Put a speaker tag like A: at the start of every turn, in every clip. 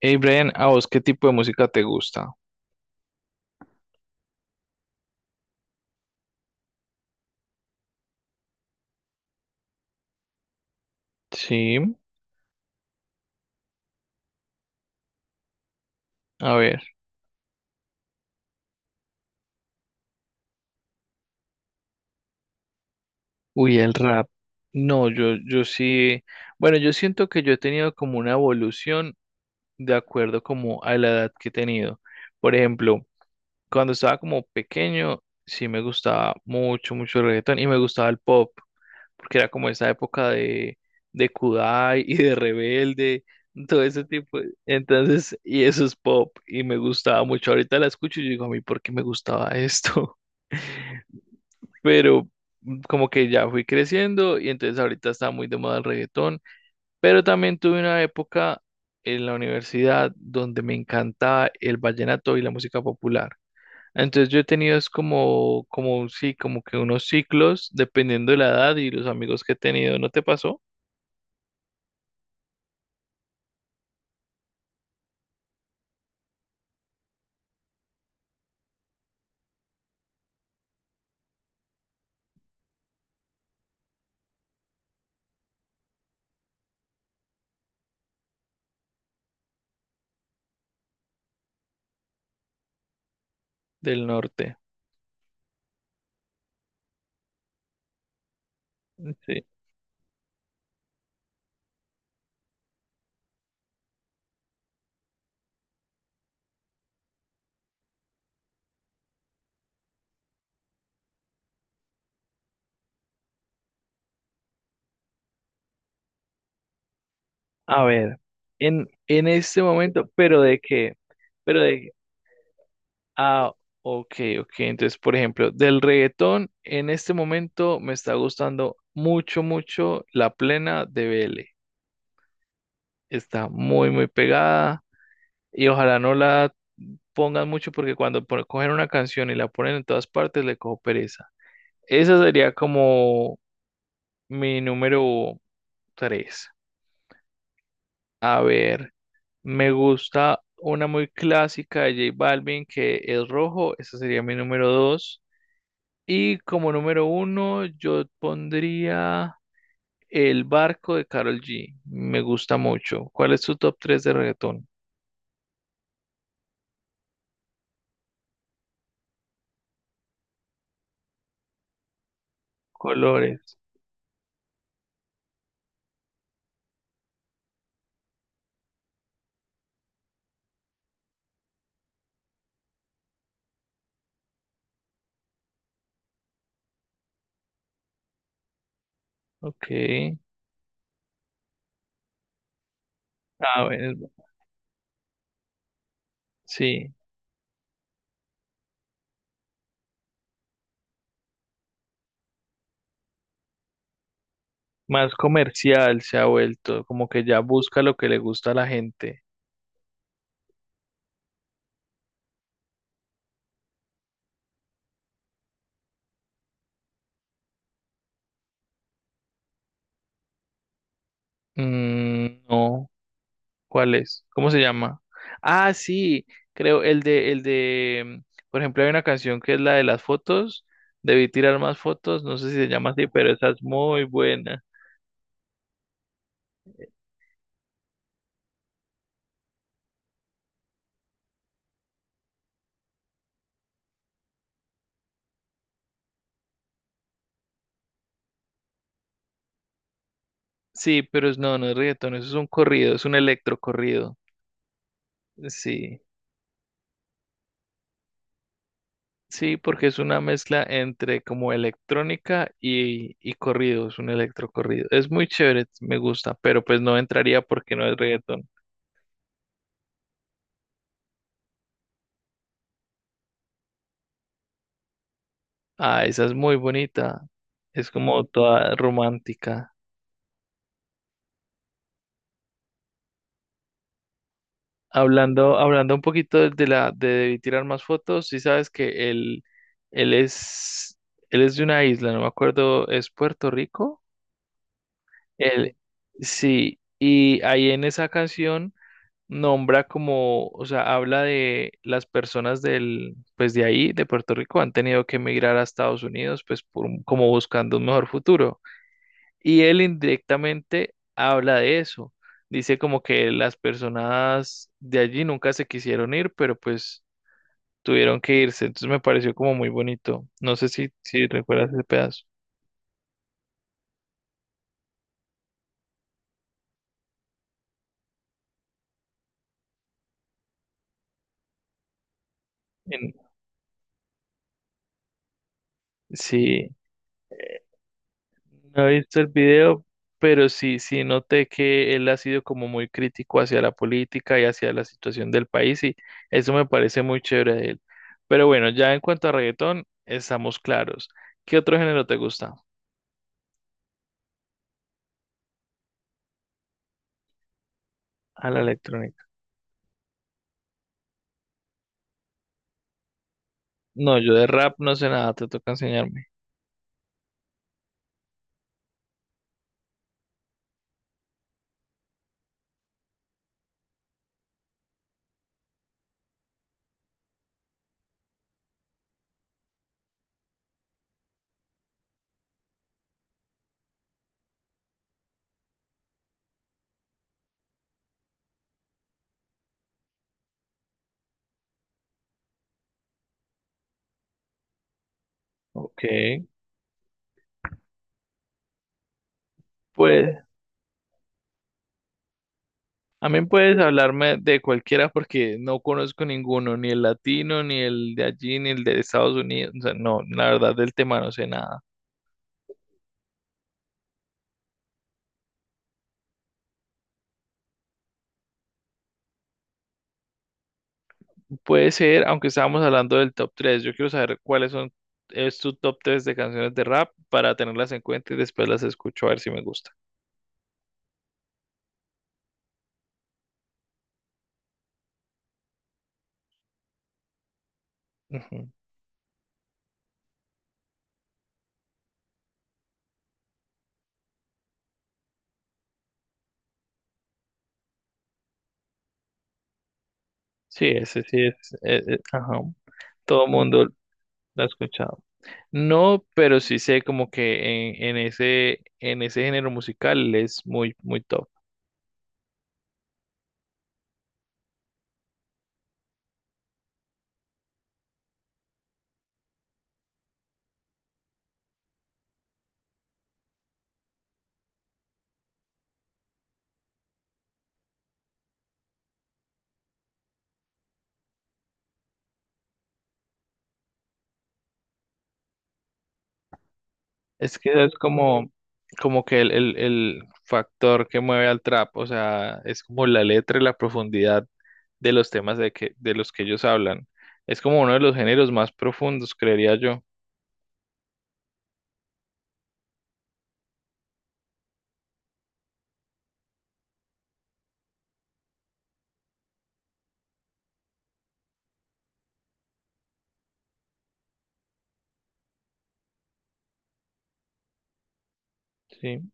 A: Hey Brian, ¿a vos qué tipo de música te gusta? Sí, a ver. Uy, el rap. No, yo sí. Bueno, yo siento que yo he tenido como una evolución de acuerdo como a la edad que he tenido. Por ejemplo, cuando estaba como pequeño, sí me gustaba mucho, mucho el reggaetón y me gustaba el pop, porque era como esa época de Kudai y de Rebelde, todo ese tipo. Entonces, y eso es pop y me gustaba mucho. Ahorita la escucho y yo digo, a mí, ¿por qué me gustaba esto? Pero como que ya fui creciendo y entonces ahorita está muy de moda el reggaetón, pero también tuve una época en la universidad donde me encantaba el vallenato y la música popular. Entonces yo he tenido es como, sí, como que unos ciclos dependiendo de la edad y los amigos que he tenido. ¿No te pasó? Del norte. Sí. A ver, en este momento, pero de qué, pero de, ah, ok, ok. Entonces, por ejemplo, del reggaetón, en este momento me está gustando mucho, mucho la plena de B. L. Está muy, muy pegada y ojalá no la pongan mucho porque cuando cogen una canción y la ponen en todas partes le cojo pereza. Esa sería como mi número tres. A ver, me gusta una muy clásica de J Balvin que es rojo. Esa sería mi número dos. Y como número uno yo pondría El barco de Karol G. Me gusta mucho. ¿Cuál es tu top 3 de reggaetón? Colores. Ok. A ver, sí. Más comercial se ha vuelto. Como que ya busca lo que le gusta a la gente. Mm, no. ¿Cuál es? ¿Cómo se llama? Ah, sí, creo, por ejemplo, hay una canción que es la de las fotos, debí tirar más fotos, no sé si se llama así, pero esa es muy buena. Sí, pero es, no, no es reggaetón, eso es un corrido, es un electrocorrido. Sí, sí, porque es una mezcla entre como electrónica y corrido, es un electrocorrido. Es muy chévere, me gusta, pero pues no entraría porque no es reggaetón. Ah, esa es muy bonita, es como toda romántica. Hablando un poquito de la de tirar más fotos, sí sabes que él es, él es de una isla, no me acuerdo, ¿es Puerto Rico? Él, sí, y ahí en esa canción nombra como, o sea, habla de las personas del, pues de ahí, de Puerto Rico, han tenido que emigrar a Estados Unidos, pues por, como buscando un mejor futuro. Y él indirectamente habla de eso. Dice como que las personas de allí nunca se quisieron ir, pero pues tuvieron que irse. Entonces me pareció como muy bonito. No sé si recuerdas ese pedazo. En- Sí, no he visto el video, pero sí, sí noté que él ha sido como muy crítico hacia la política y hacia la situación del país y eso me parece muy chévere de él. Pero bueno, ya en cuanto a reggaetón, estamos claros. ¿Qué otro género te gusta? A la electrónica. No, yo de rap no sé nada, te toca enseñarme. Ok, pues también puedes hablarme de cualquiera porque no conozco ninguno, ni el latino, ni el de allí, ni el de Estados Unidos. O sea, no, la verdad del tema no sé nada. Puede ser, aunque estábamos hablando del top 3, yo quiero saber cuáles son, es tu top 3 de canciones de rap para tenerlas en cuenta y después las escucho a ver si me gusta. Ujú. Sí, ese sí es, ajá. Todo mundo lo ha escuchado. No, pero sí sé como que en ese, en ese género musical es muy, muy top. Es que es como, como que el factor que mueve al trap, o sea, es como la letra y la profundidad de los temas de los que ellos hablan. Es como uno de los géneros más profundos, creería yo. Sí,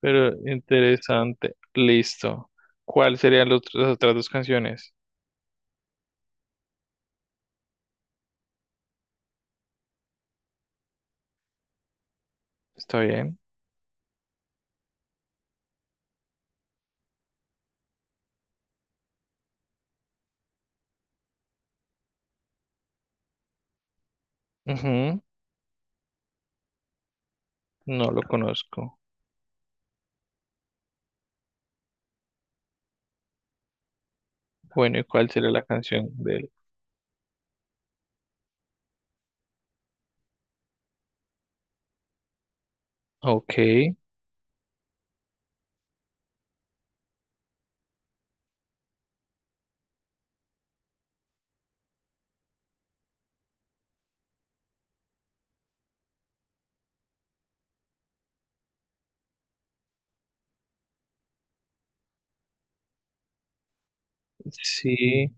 A: pero interesante. Listo. ¿Cuáles serían las otras dos canciones? ¿Está bien? Ujú. No lo conozco. Bueno, ¿y cuál sería la canción de él? Ok, sí,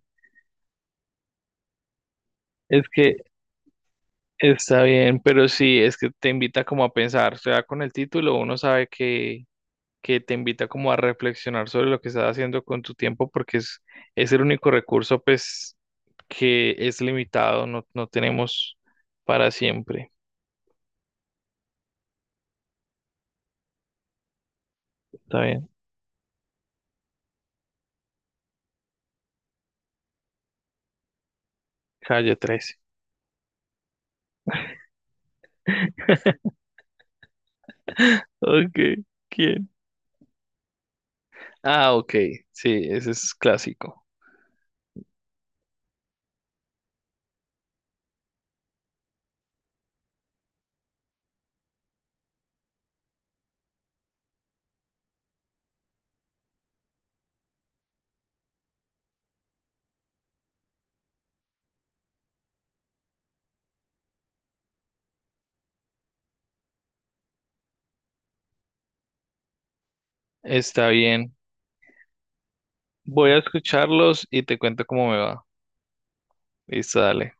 A: es que está bien, pero sí, es que te invita como a pensar, o sea, con el título uno sabe que te invita como a reflexionar sobre lo que estás haciendo con tu tiempo porque es el único recurso pues que es limitado, no, no tenemos para siempre. Está bien, Calle 13. Ok, ¿quién? Ah, ok, sí, ese es clásico. Está bien, voy a escucharlos y te cuento cómo me va. Listo, dale.